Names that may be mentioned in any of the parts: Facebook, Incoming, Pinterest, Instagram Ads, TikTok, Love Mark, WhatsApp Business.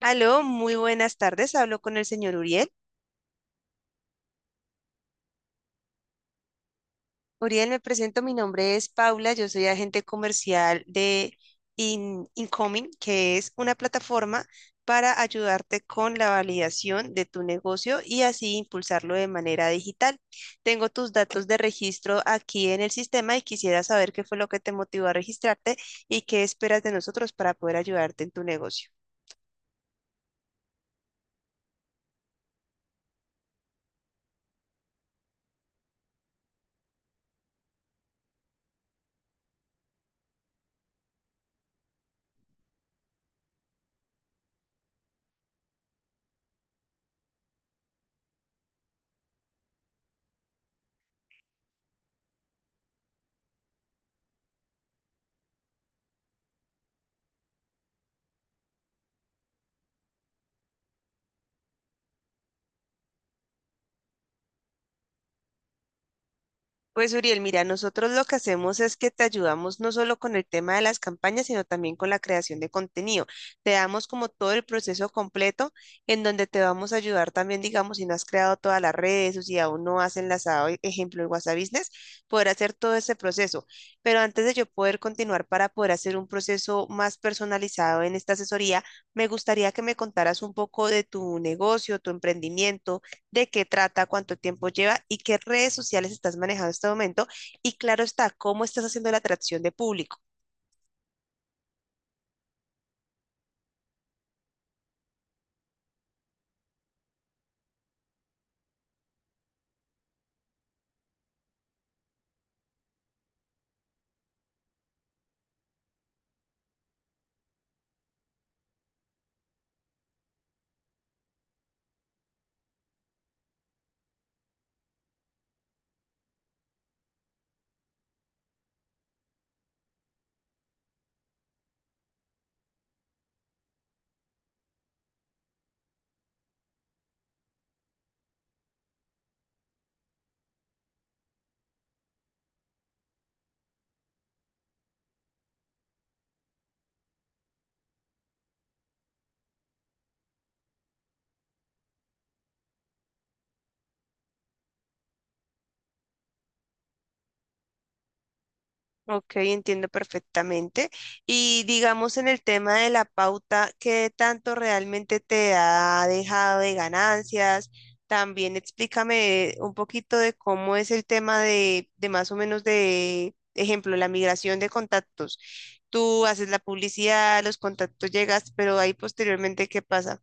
Aló, muy buenas tardes. Hablo con el señor Uriel. Uriel, me presento. Mi nombre es Paula. Yo soy agente comercial de Incoming, que es una plataforma para ayudarte con la validación de tu negocio y así impulsarlo de manera digital. Tengo tus datos de registro aquí en el sistema y quisiera saber qué fue lo que te motivó a registrarte y qué esperas de nosotros para poder ayudarte en tu negocio. Pues Uriel, mira, nosotros lo que hacemos es que te ayudamos no solo con el tema de las campañas, sino también con la creación de contenido. Te damos como todo el proceso completo en donde te vamos a ayudar también, digamos, si no has creado todas las redes o si aún no has enlazado, ejemplo, el WhatsApp Business, poder hacer todo ese proceso. Pero antes de yo poder continuar para poder hacer un proceso más personalizado en esta asesoría, me gustaría que me contaras un poco de tu negocio, tu emprendimiento de qué trata, cuánto tiempo lleva y qué redes sociales estás manejando en este momento. Y claro está, cómo estás haciendo la atracción de público. Ok, entiendo perfectamente. Y digamos en el tema de la pauta, ¿qué tanto realmente te ha dejado de ganancias? También explícame un poquito de cómo es el tema de más o menos de, ejemplo, la migración de contactos. Tú haces la publicidad, los contactos llegas, pero ahí posteriormente, ¿qué pasa?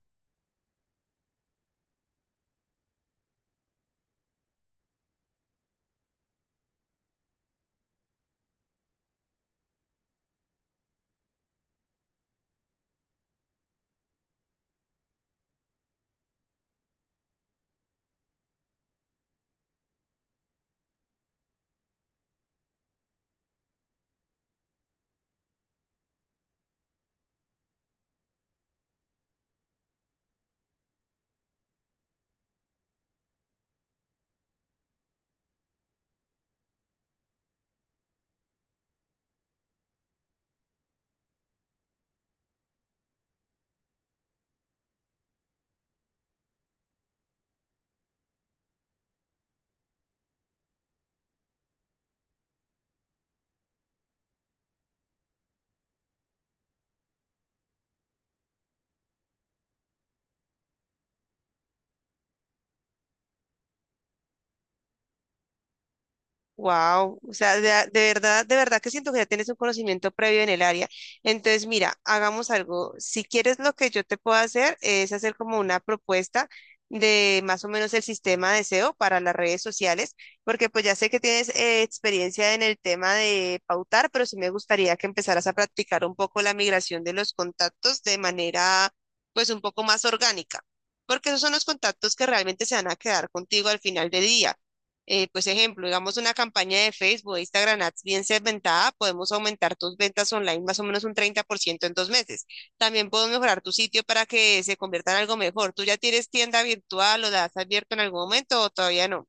Wow, o sea, de verdad que siento que ya tienes un conocimiento previo en el área. Entonces, mira, hagamos algo. Si quieres, lo que yo te puedo hacer es hacer como una propuesta de más o menos el sistema de SEO para las redes sociales, porque pues ya sé que tienes experiencia en el tema de pautar, pero sí me gustaría que empezaras a practicar un poco la migración de los contactos de manera pues un poco más orgánica, porque esos son los contactos que realmente se van a quedar contigo al final del día pues ejemplo, digamos una campaña de Facebook o Instagram Ads bien segmentada, podemos aumentar tus ventas online más o menos un 30% en 2 meses. También puedo mejorar tu sitio para que se convierta en algo mejor. ¿Tú ya tienes tienda virtual o la has abierto en algún momento o todavía no?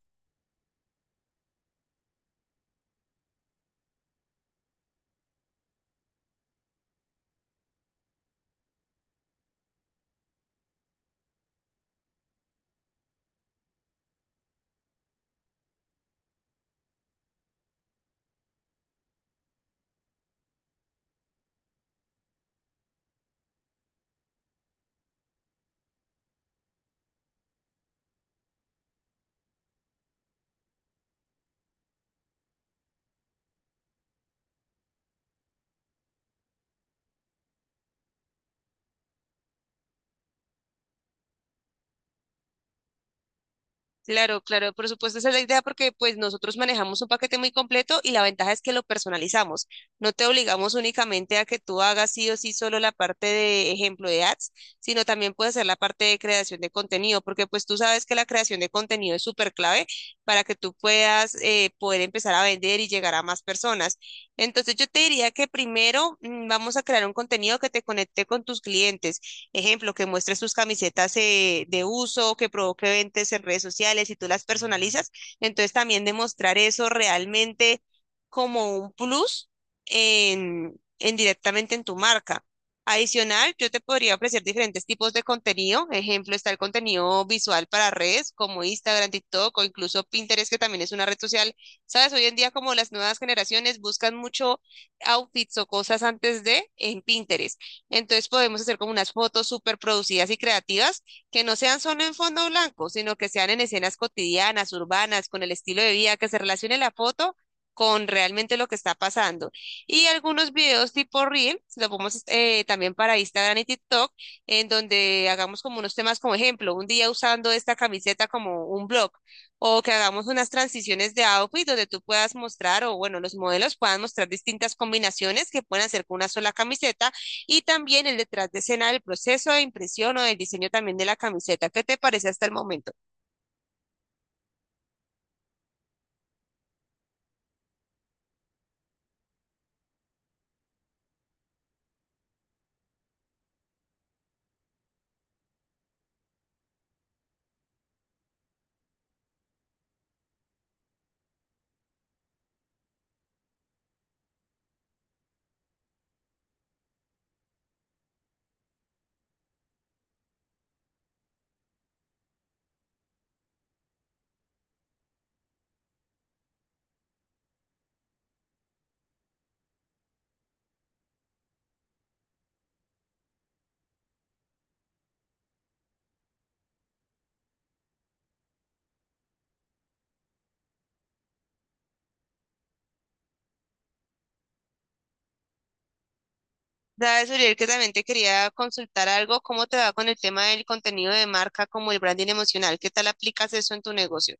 Claro, claro, por supuesto, esa es la idea porque pues nosotros manejamos un paquete muy completo y la ventaja es que lo personalizamos. No te obligamos únicamente a que tú hagas sí o sí solo la parte de ejemplo de ads, sino también puedes hacer la parte de creación de contenido, porque pues tú sabes que la creación de contenido es súper clave para que tú puedas poder empezar a vender y llegar a más personas. Entonces yo te diría que primero vamos a crear un contenido que te conecte con tus clientes. Ejemplo, que muestre sus camisetas de uso, que provoque ventas en redes sociales y tú las personalizas. Entonces también demostrar eso realmente como un plus en directamente en tu marca. Adicional, yo te podría ofrecer diferentes tipos de contenido. Ejemplo, está el contenido visual para redes como Instagram, TikTok o incluso Pinterest, que también es una red social. Sabes, hoy en día como las nuevas generaciones buscan mucho outfits o cosas antes de en Pinterest. Entonces podemos hacer como unas fotos súper producidas y creativas que no sean solo en fondo blanco, sino que sean en escenas cotidianas, urbanas, con el estilo de vida, que se relacione la foto con realmente lo que está pasando. Y algunos videos tipo Reel, lo ponemos también para Instagram y TikTok, en donde hagamos como unos temas como ejemplo, un día usando esta camiseta como un blog, o que hagamos unas transiciones de outfit donde tú puedas mostrar, o bueno, los modelos puedan mostrar distintas combinaciones que pueden hacer con una sola camiseta y también el detrás de escena del proceso de impresión o del diseño también de la camiseta. ¿Qué te parece hasta el momento? Sabes, Uriel, que también te quería consultar algo, ¿cómo te va con el tema del contenido de marca como el branding emocional? ¿Qué tal aplicas eso en tu negocio?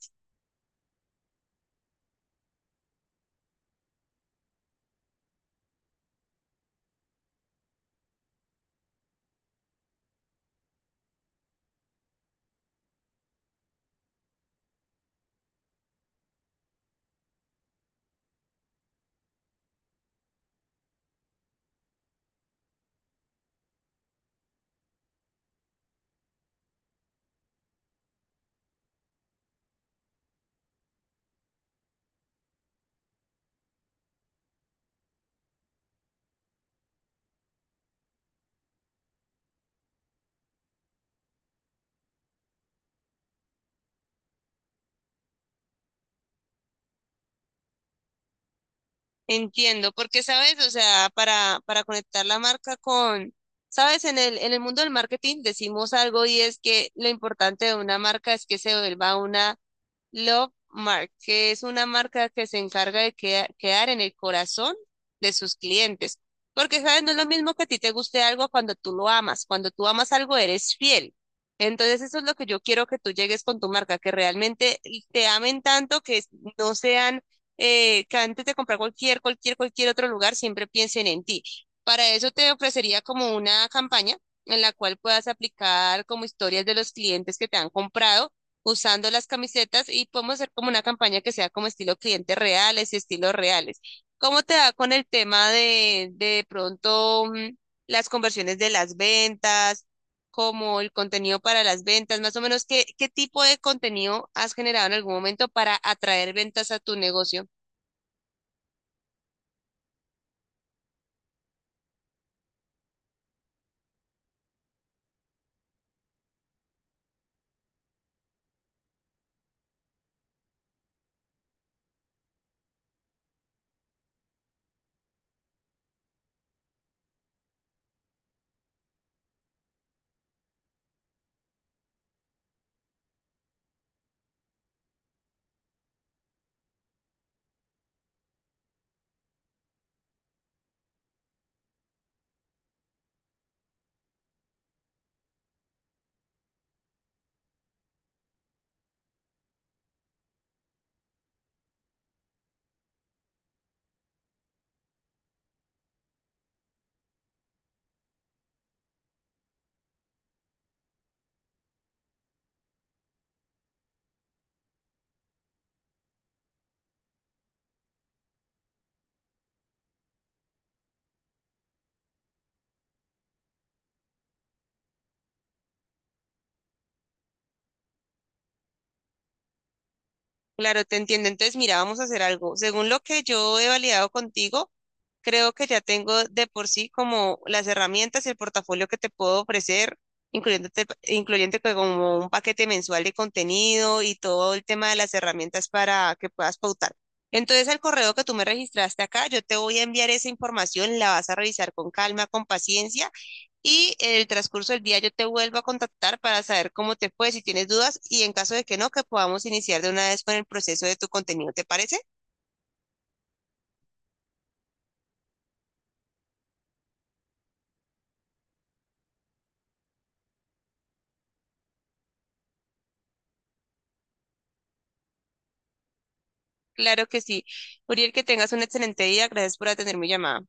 Entiendo, porque sabes, o sea, para conectar la marca con, sabes, en en el mundo del marketing decimos algo y es que lo importante de una marca es que se vuelva una Love Mark, que es una marca que se encarga de quedar en el corazón de sus clientes. Porque, ¿sabes? No es lo mismo que a ti te guste algo cuando tú lo amas. Cuando tú amas algo, eres fiel. Entonces, eso es lo que yo quiero que tú llegues con tu marca, que realmente te amen tanto que no sean, que antes de comprar cualquier otro lugar, siempre piensen en ti. Para eso te ofrecería como una campaña en la cual puedas aplicar como historias de los clientes que te han comprado usando las camisetas y podemos hacer como una campaña que sea como estilo clientes reales y estilos reales. ¿Cómo te va con el tema de pronto las conversiones de las ventas, como el contenido para las ventas, más o menos qué tipo de contenido has generado en algún momento para atraer ventas a tu negocio? Claro, te entiendo. Entonces, mira, vamos a hacer algo. Según lo que yo he validado contigo, creo que ya tengo de por sí como las herramientas y el portafolio que te puedo ofrecer, incluyéndote, incluyente que como un paquete mensual de contenido y todo el tema de las herramientas para que puedas pautar. Entonces, al correo que tú me registraste acá, yo te voy a enviar esa información, la vas a revisar con calma, con paciencia y en el transcurso del día yo te vuelvo a contactar para saber cómo te fue, si tienes dudas y en caso de que no, que podamos iniciar de una vez con el proceso de tu contenido. ¿Te parece? Claro que sí. Uriel, que tengas un excelente día. Gracias por atender mi llamada.